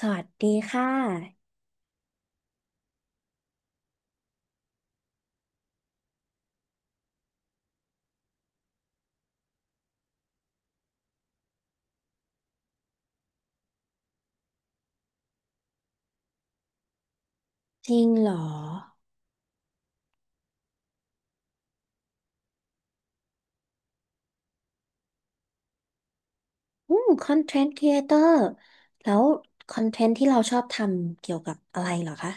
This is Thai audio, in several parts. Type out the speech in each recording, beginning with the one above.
สวัสดีค่ะจริงเหรออืมคอนเทนต์ครีเอเตอร์แล้วคอนเทนต์ที่เราชอบทำเกี่ยวกับอะไรเหรอคะ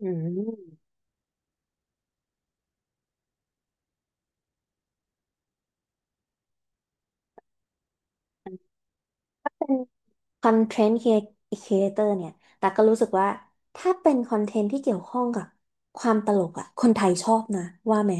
อืมเป็นคอนเทนต์ครีเอเตอร์เนี่ยแต่ก็รู้สึกว่าถ้าเป็นคอนเทนต์ที่เกี่ยวข้องกับความตลกอะคนไทยชอบนะว่าไหม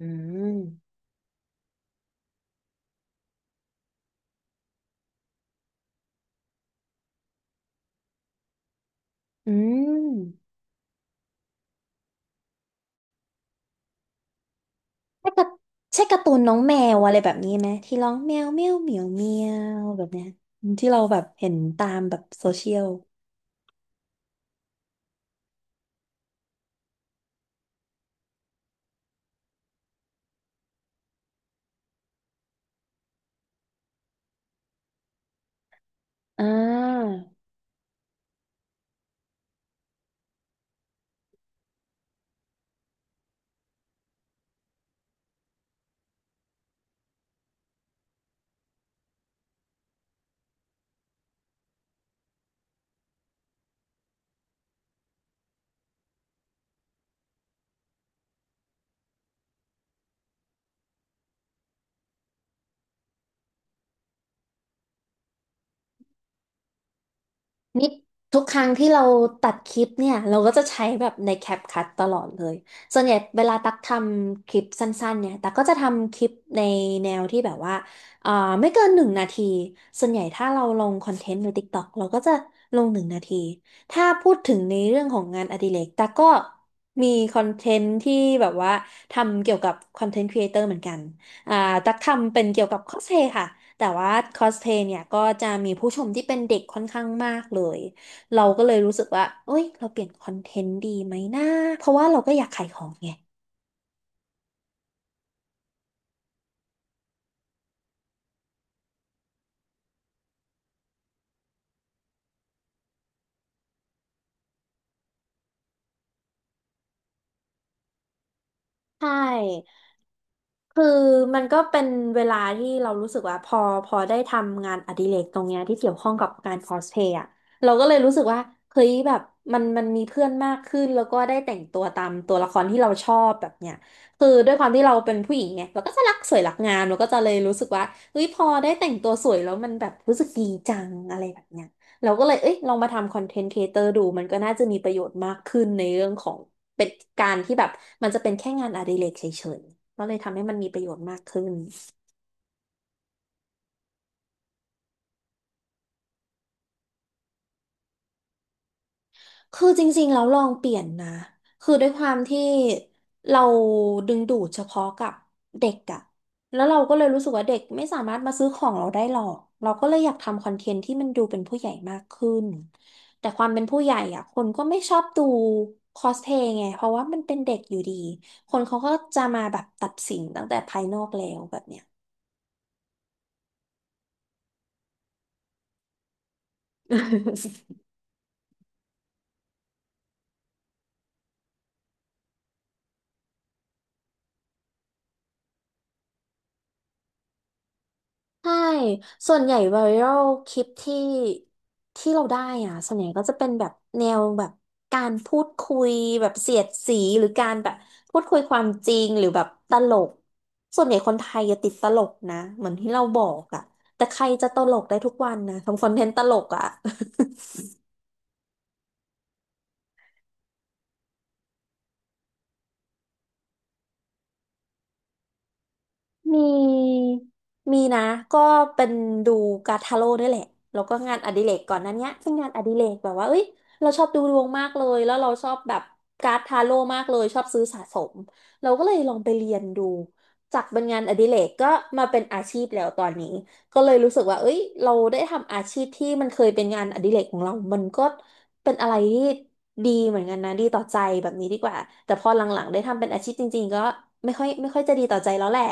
อืมอืมใช่การใช่การ์ตูนน้องแมวอะไรแบบนี้ไหมที่ร้องแมวแมวเหมียวเมียวแบบเนี้ยที่เราแบบเห็นตามแบบโซเชียลอ่า นี่ทุกครั้งที่เราตัดคลิปเนี่ยเราก็จะใช้แบบใน CapCut ตลอดเลยส่วนใหญ่เวลาตักทำคลิปสั้นๆเนี่ยตักก็จะทำคลิปในแนวที่แบบว่าเอ่อไม่เกินหนึ่งนาทีส่วนใหญ่ถ้าเราลงคอนเทนต์ใน TikTok เราก็จะลง1 นาทีถ้าพูดถึงในเรื่องของงานอดิเรกตักก็มีคอนเทนต์ที่แบบว่าทำเกี่ยวกับคอนเทนต์ครีเอเตอร์เหมือนกันอ่าตักทำเป็นเกี่ยวกับคอสเพลย์ค่ะ แต่ว่าคอสเพลย์เนี่ยก็จะมีผู้ชมที่เป็นเด็กค่อนข้างมากเลย เราก็เลยรู้สึกว่าเอ้ย เราเปลี่ยนคอนเทนต์ดีไหมนะเพราะว่าเราก็อยากขายของไง ใช่คือมันก็เป็นเวลาที่เรารู้สึกว่าพอได้ทำงานอดิเรกตรงเนี้ยที่เกี่ยวข้องกับการคอสเพลย์อะเราก็เลยรู้สึกว่าเฮ้ยแบบมันมีเพื่อนมากขึ้นแล้วก็ได้แต่งตัวตามตัวละครที่เราชอบแบบเนี้ยคือด้วยความที่เราเป็นผู้หญิงไงเราก็จะรักสวยรักงามเราก็จะเลยรู้สึกว่าเฮ้ยพอได้แต่งตัวสวยแล้วมันแบบรู้สึกดีจังอะไรแบบเนี้ย เราก็เลย เอ้ยลองมาทำคอนเทนต์ครีเอเตอร์ดู มันก็น่าจะมีประโยชน์มากขึ้นในเรื่องของเป็นการที่แบบ มันจะเป็นแค่งานอดิเรกเฉยๆก็เลยทำให้มันมีประโยชน์มากขึ้น คือจริงๆแล้วลองเปลี่ยนนะคือด้วยความที่เราดึงดูดเฉพาะกับเด็กอะแล้วเราก็เลยรู้สึกว่าเด็กไม่สามารถมาซื้อของเราได้หรอกเราก็เลยอยากทำคอนเทนต์ที่มันดูเป็นผู้ใหญ่มากขึ้นแต่ความเป็นผู้ใหญ่อะคนก็ไม่ชอบดูคอสเพย์ไงเพราะว่ามันเป็นเด็กอยู่ดีคนเขาก็จะมาแบบตัดสินตั้งแต่ภายนอกแล้วแบบเนี้ย ใช่ส่วนใหญ่ไวรัลคลิปที่เราได้อ่ะส่วนใหญ่ก็จะเป็นแบบแนวแบบการพูดคุยแบบเสียดสีหรือการแบบพูดคุยความจริงหรือแบบตลก ส่วนใหญ่คนไทยจะติดตลกนะเหมือนที่เราบอกอ่ะแต่ใครจะตลกได้ทุกวันนะทำคอนเทนต์ตลกอ่ะ มีมีนะก็เป็นดูการ์ดทาโร่นี่แหละแล้วก็งานอดิเรกก่อนหนั้นเนี้ยเป็นงานอดิเรกแบบว่าเอ้ยเราชอบดูดวงมากเลยแล้วเราชอบแบบการ์ดทาโร่มากเลยชอบซื้อสะสมเราก็เลยลองไปเรียนดูจากเป็นงานอดิเรกก็มาเป็นอาชีพแล้วตอนนี้ก็เลยรู้สึกว่าเอ้ยเราได้ทำอาชีพที่มันเคยเป็นงานอดิเรกของเรามันก็เป็นอะไรที่ดีเหมือนกันนะดีต่อใจแบบนี้ดีกว่าแต่พอหลังๆได้ทำเป็นอาชีพจริงๆก็ไม่ค่อยจะดีต่อใจแล้วแหละ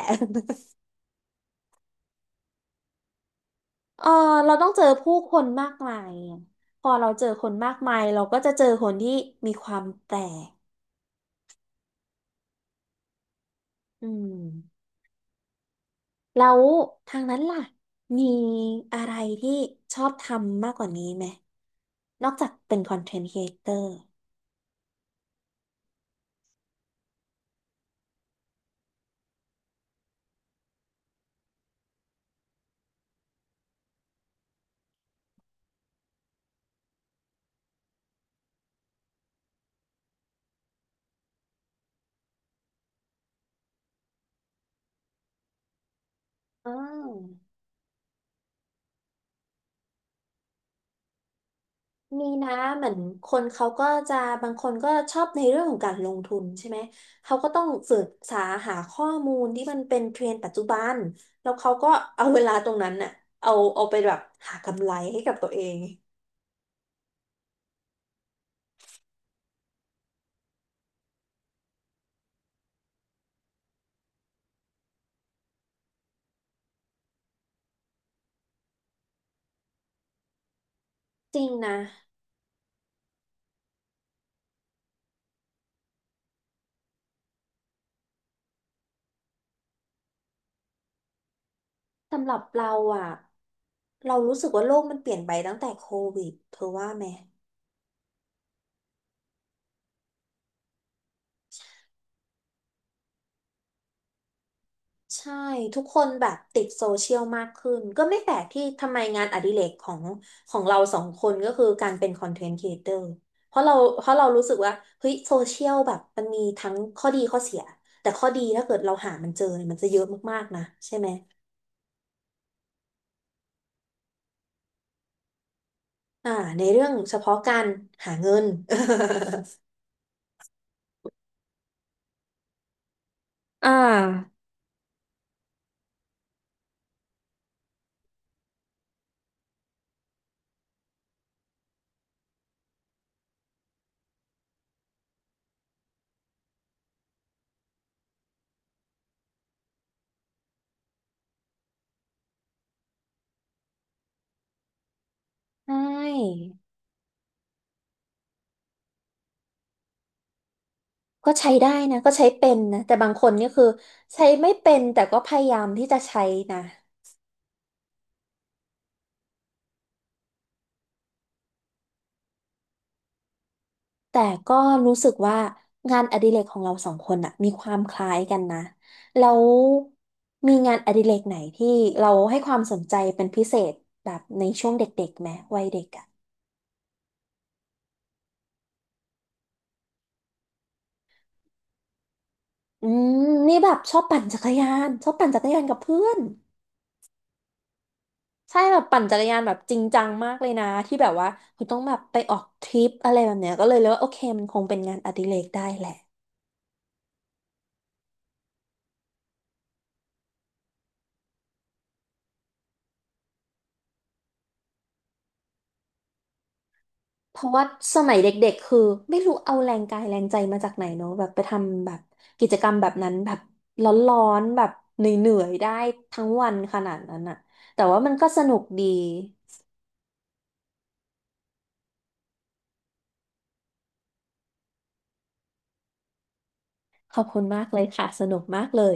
เออเราต้องเจอผู้คนมากมายอะพอเราเจอคนมากมายเราก็จะเจอคนที่มีความแปลกอืมแล้วทางนั้นล่ะมีอะไรที่ชอบทำมากกว่านี้ไหมนอกจากเป็นคอนเทนต์ครีเอเตอร์อ่า มีนะเหมือนคนเขาก็จะบางคนก็ชอบในเรื่องของการลงทุนใช่ไหมเขาก็ต้องศึกษาหาข้อมูลที่มันเป็นเทรนด์ปัจจุบันแล้วเขาก็เอาเวลาตรงนั้นน่ะเอาเอาไปแบบหากำไรให้กับตัวเองจริงนะสำหรับเราอ่ะเรารู้สึกว่าโลกมันเปลี่ยนไปตั้งแต่โควิดเธอว่าไหม ใช่ทุกคนแบบติดโซเชียลมากขึ้นก็ไม่แปลกที่ทำไมงานอดิเรกของของเราสองคนก็คือการเป็นคอนเทนต์ครีเอเตอร์เพราะเราเพราะเรารู้สึกว่าเฮ้ยโซเชียลแบบมันมีทั้งข้อดีข้อเสียแต่ข้อดีถ้าเกิดเราหามันเจอเนี่ยมันจะเยอะมากๆนะใช่ไหมอ่าในเรื่องเฉพาะการหาเงิน อ่าใช่ก็ใช้ได้นะก็ใช้เป็นนะแต่บางคนนี่คือใช้ไม่เป็นแต่ก็พยายามที่จะใช้นะ แต่ก็รู้สึกว่างานอดิเรกของเราสองคนอะมีความคล้ายกันนะแล้วมีงานอดิเรกไหนที่เราให้ความสนใจเป็นพิเศษแบบในช่วงเด็กๆไหมวัยเด็กอะอืมนี่แบบชอบปั่นจักรยานชอบปั่นจักรยานกับเพื่อนใช่แบบปั่นจักรยานแบบจริงจังมากเลยนะที่แบบว่าคุณต้องแบบไปออกทริปอะไรแบบเนี้ยก็เลยว่าโอเคมันคงเป็นงานอดิเรกได้แหละ เพราะว่าสมัยเด็กๆคือไม่รู้เอาแรงกายแรงใจมาจากไหนเนาะแบบไปทำแบบกิจกรรมแบบนั้นแบบร้อนๆแบบเหนื่อยๆได้ทั้งวันขนาดนั้นอะแต่ว่ามันก็สนุกดีขอบคุณมากเลยค่ะสนุกมากเลย